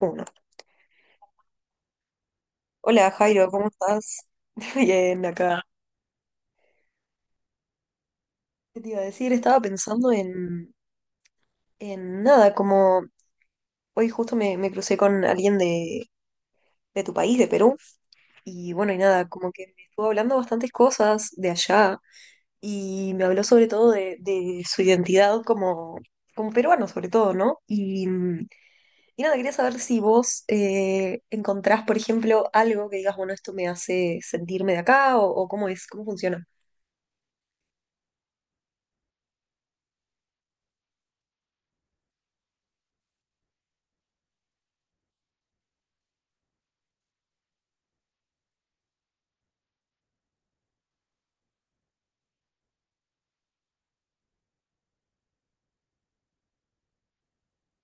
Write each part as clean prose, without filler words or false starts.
Uno. Hola Jairo, ¿cómo estás? Bien, acá. ¿Qué te iba a decir? Estaba pensando en nada, como hoy justo me crucé con alguien de tu país, de Perú, y bueno, y nada, como que me estuvo hablando bastantes cosas de allá, y me habló sobre todo de su identidad como, como peruano, sobre todo, ¿no? Y nada, quería saber si vos encontrás, por ejemplo, algo que digas, bueno, esto me hace sentirme de acá, o cómo es, cómo funciona.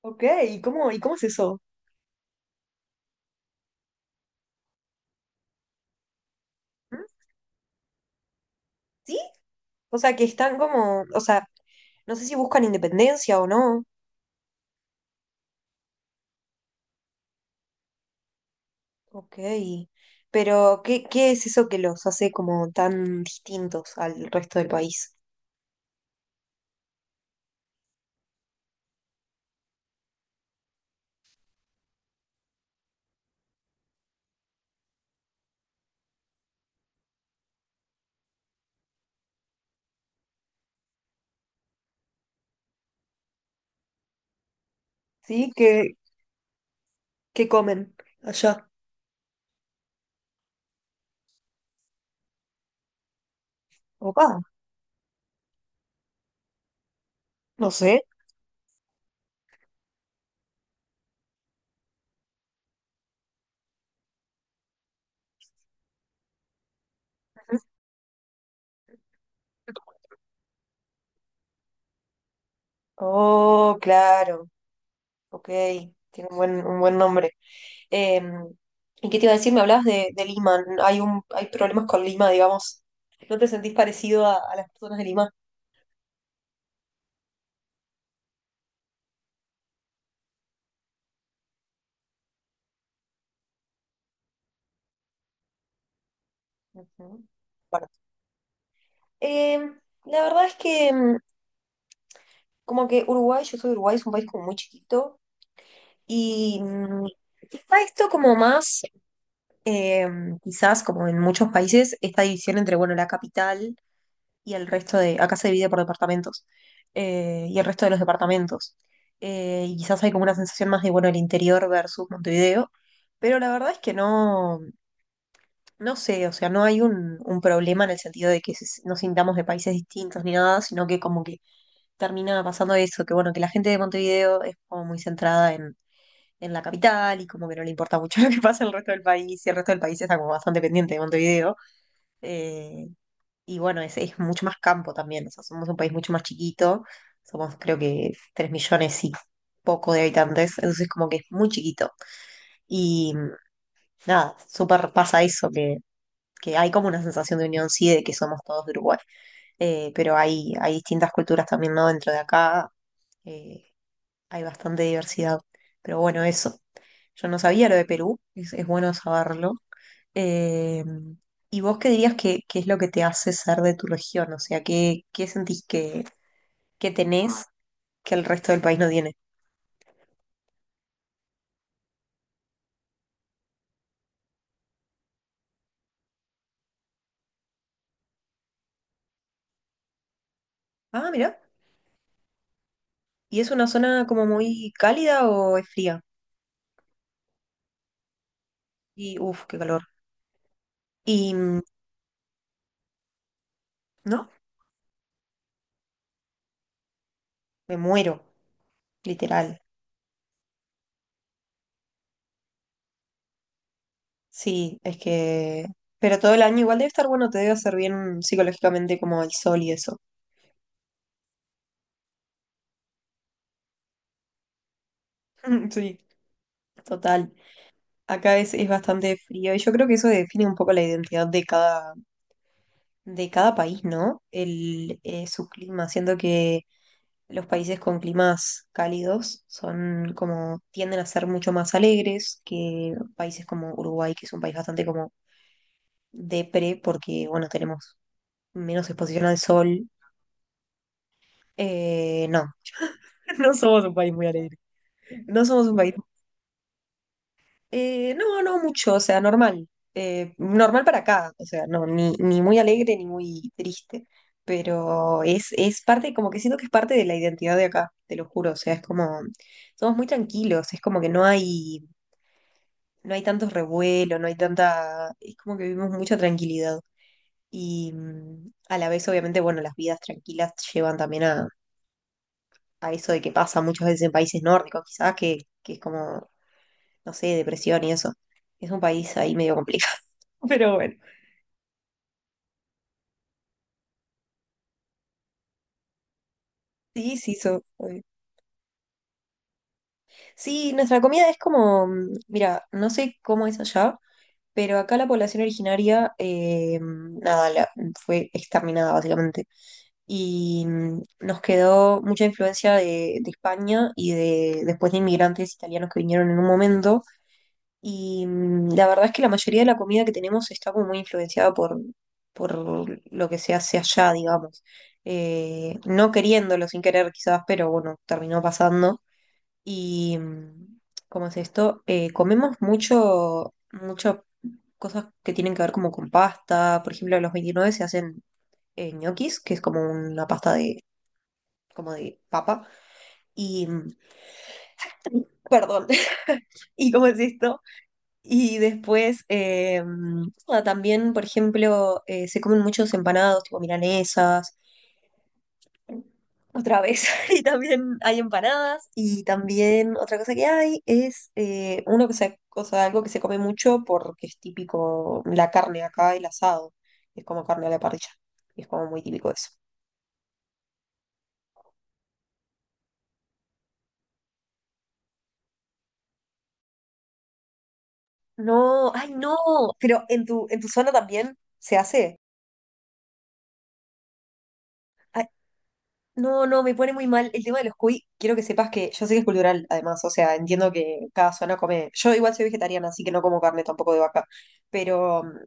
Ok, y cómo es eso? ¿Mm? ¿Sí? O sea, que están como, o sea, no sé si buscan independencia o no. Ok, pero ¿qué, qué es eso que los hace como tan distintos al resto del país? ¿Sí? ¿Qué, qué comen allá? Opa, no sé. Ujú. Oh, claro, ok, tiene un buen nombre. Em, ¿Y qué te iba a decir? Me hablabas de Lima, hay un, hay problemas con Lima, digamos. ¿No te sentís parecido a las personas de Lima? Ujú. Bueno, em, la verdad es que como que Uruguay, yo soy de Uruguay, es un país como muy chiquito y está esto como más, quizás como en muchos países, esta división entre, bueno, la capital y el resto de, acá se divide por departamentos y el resto de los departamentos. Y quizás hay como una sensación más de, bueno, el interior versus Montevideo, pero la verdad es que no. No sé, o sea, no hay un problema en el sentido de que si, nos sintamos de países distintos ni nada, sino que como que termina pasando eso, que bueno, que la gente de Montevideo es como muy centrada en la capital y como que no le importa mucho lo que pasa en el resto del país, y el resto del país está como bastante pendiente de Montevideo. eh, y bueno, es mucho más campo también, o sea, somos un país mucho más chiquito, somos creo que 3 millones y poco de habitantes, entonces como que es muy chiquito. Y nada, súper pasa eso, que hay como una sensación de unión, sí, de que somos todos de Uruguay, pero hay distintas culturas también, ¿no? Dentro de acá eh, hay bastante diversidad. Pero bueno, eso. Yo no sabía lo de Perú, es bueno saberlo. Eh, ¿Y vos qué dirías que, qué es lo que te hace ser de tu región? O sea, ¿qué, qué sentís que tenés que el resto del país no tiene? Ah, mira. ¿Y es una zona como muy cálida o es fría? Y uff, qué calor. Y no, me muero, literal. Sí, es que... Pero todo el año igual debe estar bueno, te debe hacer bien psicológicamente como el sol y eso. Sí, total. Acá es bastante frío y yo creo que eso define un poco la identidad de cada país, ¿no? El, su clima, siendo que los países con climas cálidos son como, tienden a ser mucho más alegres que países como Uruguay, que es un país bastante como depre porque, bueno, tenemos menos exposición al sol. No, no somos un país muy alegre. No somos un país. No, no mucho, o sea, normal. Normal para acá, o sea, no, ni, ni muy alegre ni muy triste. Pero es parte, como que siento que es parte de la identidad de acá, te lo juro. O sea, es como, somos muy tranquilos, es como que no hay, no hay tantos revuelos, no hay tanta, es como que vivimos mucha tranquilidad. Y a la vez, obviamente, bueno, las vidas tranquilas llevan también a eso de que pasa muchas veces en países nórdicos, quizás, que es como no sé, depresión y eso. Es un país ahí medio complicado. Pero bueno, sí, sí, obvio. Sí, nuestra comida es como, mira, no sé cómo es allá, pero acá la población originaria, nada, fue exterminada básicamente. Y nos quedó mucha influencia de España y de después de inmigrantes italianos que vinieron en un momento. Y la verdad es que la mayoría de la comida que tenemos está como muy influenciada por lo que se hace allá, digamos. No queriéndolo sin querer quizás, pero bueno, terminó pasando. Y, ¿cómo es esto? Comemos mucho, muchas cosas que tienen que ver como con pasta. Por ejemplo, a los 29 se hacen ñoquis, que es como una pasta de, como de papa. Y, perdón, ¿y cómo es esto? Y después, nada, también, por ejemplo, se comen muchos empanados, tipo milanesas, otra vez, y también hay empanadas, y también otra cosa que hay es uno que se, o algo que se come mucho porque es típico, la carne acá, el asado, es como carne a la parrilla, y es como muy típico eso. No, ay no, pero en tu zona también se hace. No, no, me pone muy mal el tema de los cuy. Quiero que sepas que yo sé que es cultural, además, o sea, entiendo que cada zona come. Yo igual soy vegetariana, así que no como carne tampoco de vaca, pero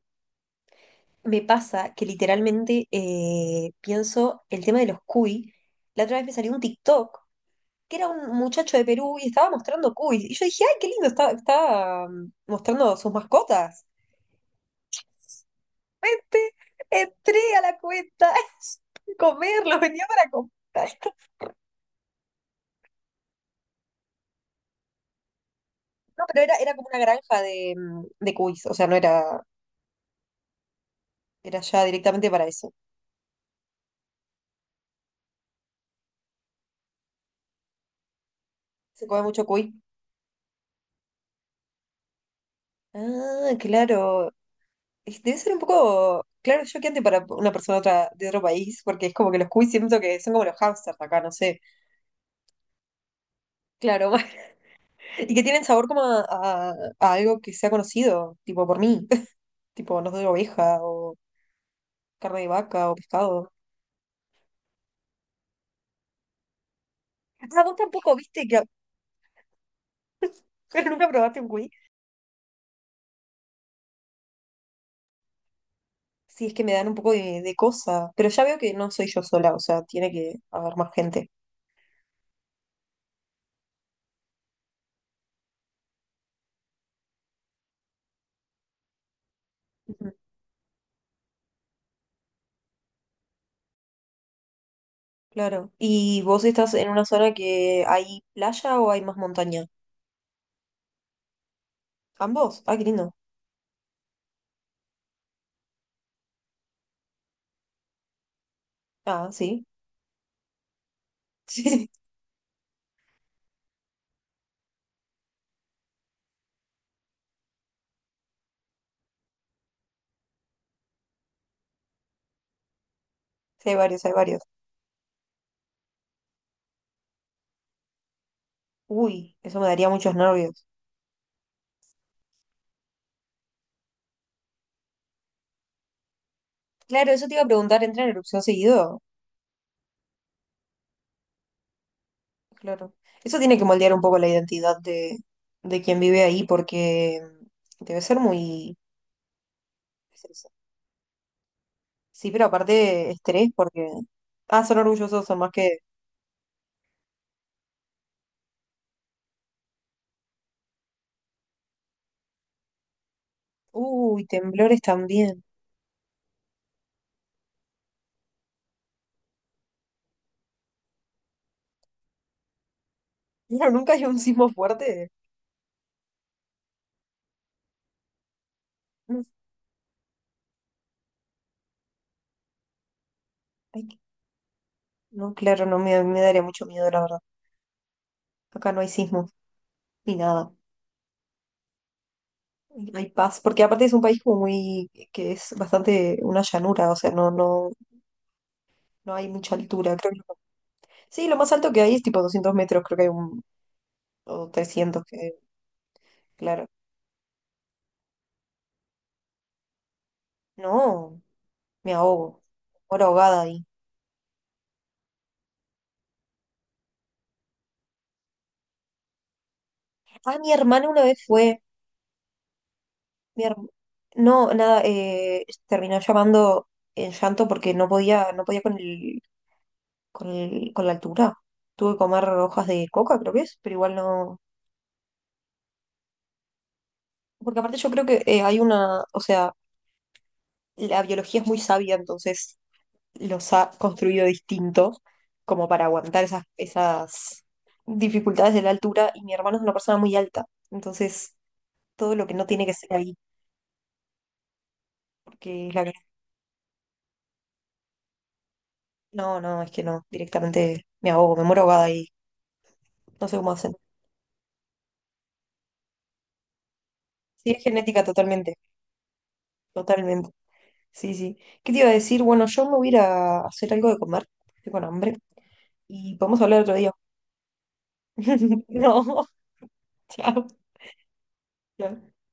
me pasa que literalmente pienso el tema de los cuy. La otra vez me salió un TikTok que era un muchacho de Perú y estaba mostrando cuy. Y yo dije, ay, qué lindo, está, está mostrando sus mascotas. Vente, entré a la cuenta, comerlo, venía para comprar. No, pero era, era como una granja de, de cuis, o sea, no era, era ya directamente para eso. Se come mucho cuy. Ah, claro. Debe ser un poco, claro, choqueante para una persona otra, de otro país, porque es como que los cuis siento que son como los hamsters acá, no sé. Claro, y que tienen sabor como a, a algo que sea conocido, tipo por mí, tipo, no sé, oveja o carne de vaca o pescado. Ah, vos tampoco viste que nunca probaste un cuy. Sí, es que me dan un poco de cosa, pero ya veo que no soy yo sola, o sea, tiene que haber más gente. Ujú. Claro. ¿Y vos estás en una zona que hay playa o hay más montaña? Ambos. Ah, qué lindo. Ah, sí. Sí, hay varios, hay varios. Uy, eso me daría muchos nervios. Claro, eso te iba a preguntar, ¿entra en erupción seguido? Claro. Eso tiene que moldear un poco la identidad de quien vive ahí porque debe ser muy... Sí, pero aparte estrés porque... Ah, son orgullosos, son más que... Uy, temblores también. No, nunca hay un sismo fuerte. No, hay no, claro, no me, me daría mucho miedo, la verdad. Acá no hay sismo, ni nada. Hay paz, porque aparte es un país como muy, que es bastante una llanura, o sea, no, no, no hay mucha altura, creo que no. Sí, lo más alto que hay es tipo 200 metros, creo que hay un, o 300 que, claro. No, me ahogo, muero ahogada ahí. Ah, mi hermana una vez fue. Mi herm- No, nada, terminó llamando en llanto porque no podía, no podía con el, con la altura. Tuve que comer hojas de coca, creo que es, pero igual no. Porque aparte yo creo que hay una, o sea, la biología es muy sabia, entonces los ha construido distintos como para aguantar esas, esas dificultades de la altura. Y mi hermano es una persona muy alta, entonces todo lo que no tiene que ser ahí, porque es la que... No, no, es que no, directamente me ahogo, me muero ahogada y no sé cómo hacer. Sí, es genética totalmente, totalmente. Sí, sí. ¿Qué te iba a decir? Bueno, yo me voy a ir a hacer algo de comer, estoy con hambre, y podemos hablar otro día. No, chao. Chao.